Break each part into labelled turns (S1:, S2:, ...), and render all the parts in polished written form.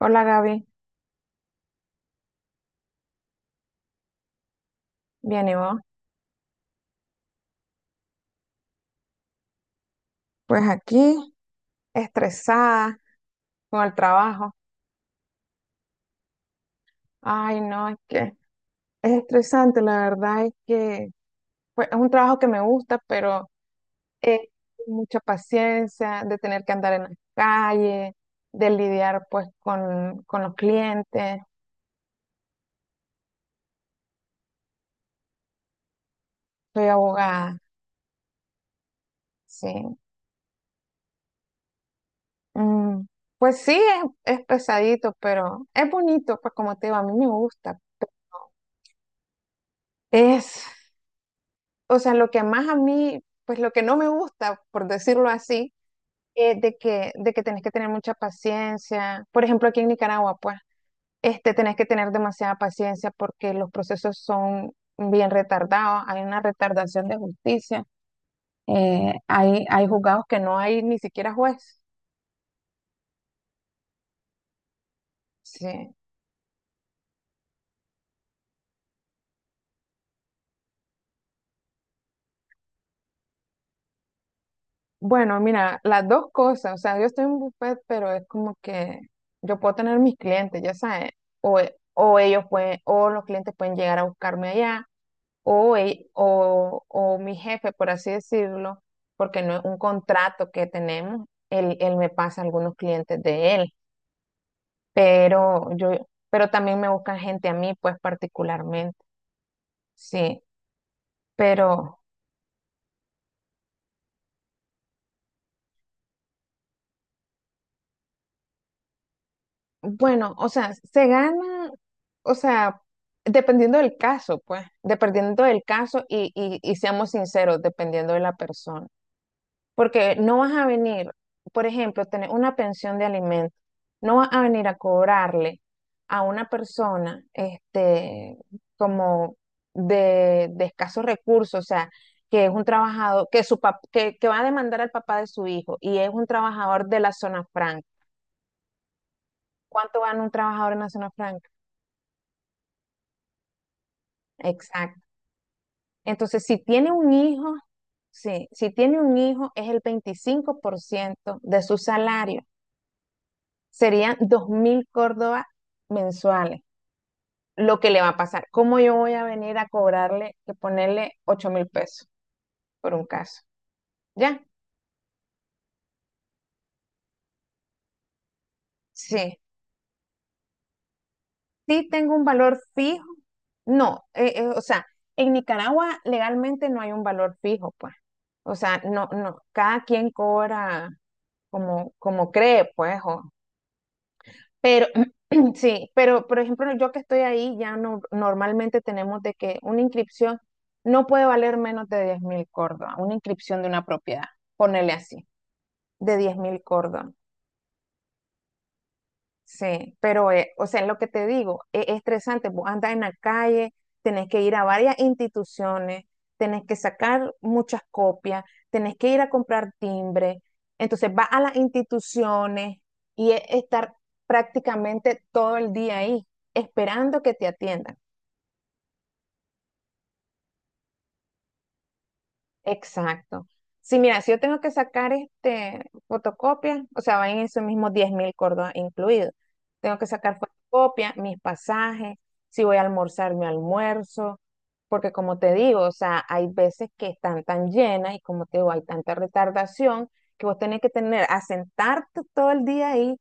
S1: Hola Gaby, bien y vos. Pues aquí, estresada con el trabajo. Ay, no, es que es estresante, la verdad es que pues, es un trabajo que me gusta, pero es mucha paciencia de tener que andar en la calle, de lidiar pues con los clientes. Soy abogada, sí. Mm, pues sí, es pesadito, pero es bonito, pues como te digo, a mí me gusta. Es, o sea, lo que más a mí, pues lo que no me gusta, por decirlo así, es de que tenés que tener mucha paciencia. Por ejemplo, aquí en Nicaragua, pues, este, tenés que tener demasiada paciencia porque los procesos son bien retardados, hay una retardación de justicia, hay juzgados que no hay ni siquiera juez. Sí. Bueno, mira, las dos cosas, o sea, yo estoy en buffet, pero es como que yo puedo tener mis clientes, ya sabes, o, o ellos pueden, o los clientes pueden llegar a buscarme allá o mi jefe, por así decirlo, porque no es un contrato que tenemos, él me pasa algunos clientes de él, pero yo, pero también me buscan gente a mí, pues particularmente, sí, pero bueno, o sea, se gana, o sea, dependiendo del caso, pues, dependiendo del caso y seamos sinceros, dependiendo de la persona. Porque no vas a venir, por ejemplo, tener una pensión de alimento, no vas a venir a cobrarle a una persona este, como de escasos recursos, o sea, que es un trabajador, que va a demandar al papá de su hijo y es un trabajador de la zona franca. ¿Cuánto gana un trabajador en la zona franca? Exacto. Entonces, si tiene un hijo, sí, si tiene un hijo es el 25% de su salario. Serían 2.000 Córdoba mensuales lo que le va a pasar. ¿Cómo yo voy a venir a cobrarle, que ponerle 8.000 pesos por un caso? ¿Ya? Sí. Sí tengo un valor fijo. No, o sea, en Nicaragua legalmente no hay un valor fijo, pues. O sea, no, no, cada quien cobra como, como cree, pues, o pero sí, pero por ejemplo, yo que estoy ahí, ya no, normalmente tenemos de que una inscripción no puede valer menos de 10.000 córdobas, una inscripción de una propiedad, ponele así, de 10.000 córdobas. Sí, pero, o sea, es lo que te digo, es estresante. Vos andas en la calle, tenés que ir a varias instituciones, tenés que sacar muchas copias, tenés que ir a comprar timbre. Entonces vas a las instituciones y es estar prácticamente todo el día ahí, esperando que te atiendan. Exacto. Sí, mira, si yo tengo que sacar este fotocopia, o sea, van en esos mismos 10.000 córdobas incluidos. Tengo que sacar fotocopia, mis pasajes, si voy a almorzar, mi almuerzo, porque como te digo, o sea, hay veces que están tan llenas y como te digo, hay tanta retardación que vos tenés que tener, asentarte todo el día ahí,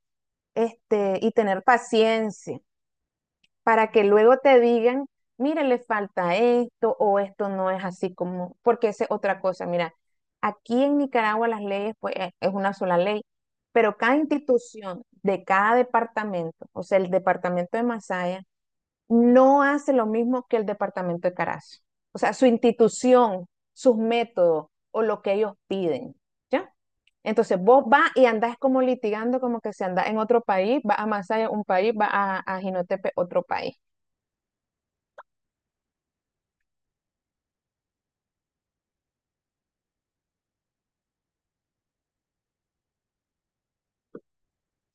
S1: este, y tener paciencia para que luego te digan, mire, le falta esto o esto no es así como, porque esa es otra cosa. Mira, aquí en Nicaragua las leyes, pues es una sola ley, pero cada institución de cada departamento, o sea, el departamento de Masaya, no hace lo mismo que el departamento de Carazo. O sea, su institución, sus métodos o lo que ellos piden. ¿Ya? Entonces vos vas y andás como litigando como que si andás en otro país, vas a Masaya un país, vas a Jinotepe otro país.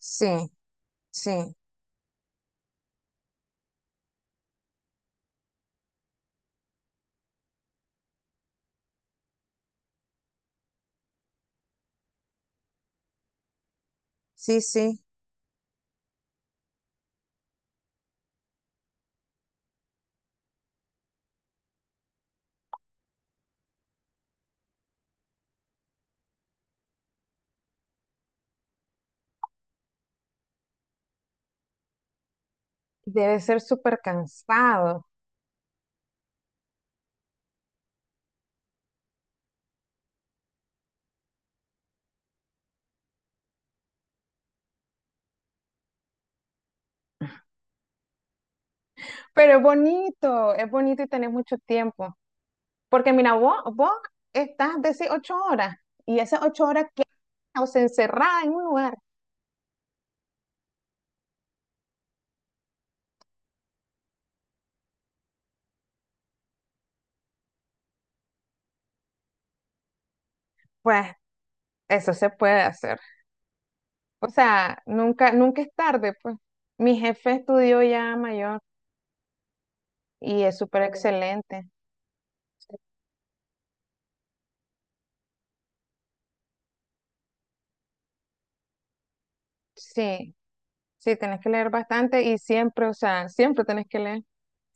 S1: Sí, sí, sí, sí. Debe ser súper cansado, pero es bonito y tenés mucho tiempo. Porque mira, vos estás de esas 8 horas y esas 8 horas que o sea, encerrada en un lugar. Pues eso se puede hacer. O sea, nunca, nunca es tarde, pues. Mi jefe estudió ya mayor y es súper excelente. Sí, sí, tenés que leer bastante y siempre, o sea, siempre tenés que leer.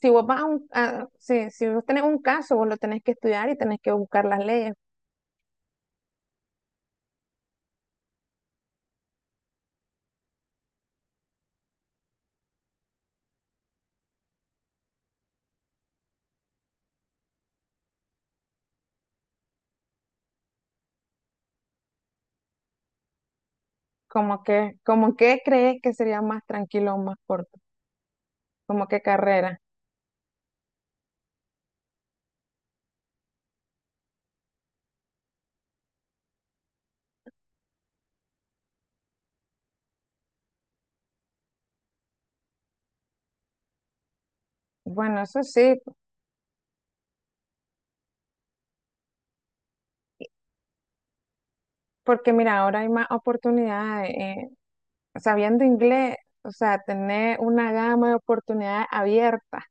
S1: Si vos vas a sí, si vos tenés un caso, vos lo tenés que estudiar y tenés que buscar las leyes. Como que crees que sería más tranquilo o más corto, como qué carrera. Bueno, eso sí, porque mira, ahora hay más oportunidades. Sabiendo inglés, o sea, tener una gama de oportunidades abiertas.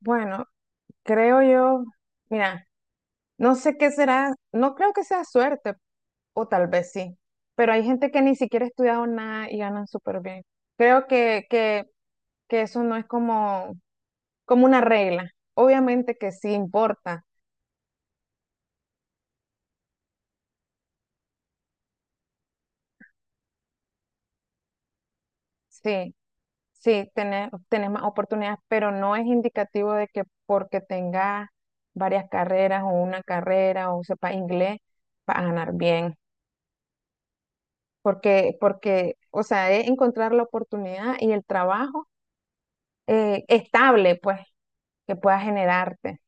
S1: Bueno, creo yo, mira. No sé qué será, no creo que sea suerte, o tal vez sí, pero hay gente que ni siquiera ha estudiado nada y ganan súper bien. Creo que eso no es como, como una regla. Obviamente que sí importa, sí, sí, tener, tener más oportunidades, pero no es indicativo de que porque tengas varias carreras o una carrera o sepa inglés, vas a ganar bien. Porque, porque, o sea, es encontrar la oportunidad y el trabajo estable, pues que pueda generarte.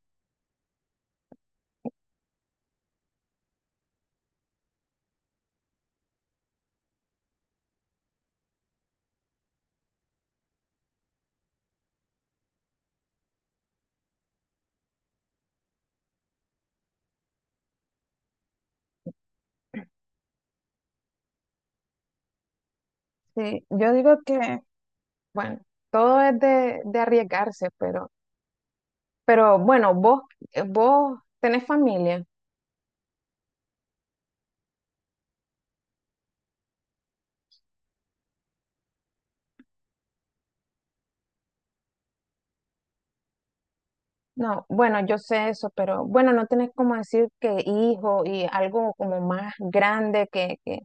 S1: Sí, yo digo que, bueno, todo es de arriesgarse, pero bueno, vos, vos tenés familia. No, bueno, yo sé eso, pero bueno, no tenés como decir que hijo y algo como más grande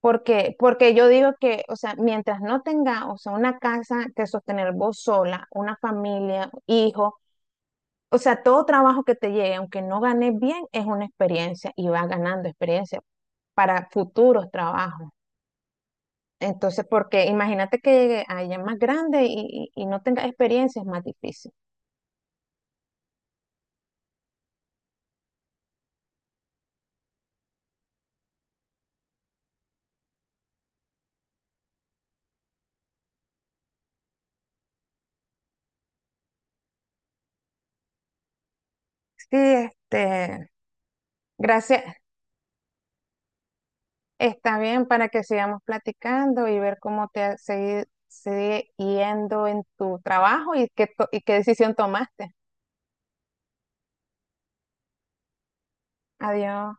S1: porque, porque yo digo que, o sea, mientras no tenga, o sea, una casa que sostener vos sola, una familia, hijo o sea, todo trabajo que te llegue, aunque no ganes bien, es una experiencia y vas ganando experiencia para futuros trabajos. Entonces, porque imagínate que llegue a ella más grande y no tenga experiencia, es más difícil. Sí, este, gracias. Está bien para que sigamos platicando y ver cómo sigue, sigue yendo en tu trabajo y qué, y qué decisión tomaste. Adiós.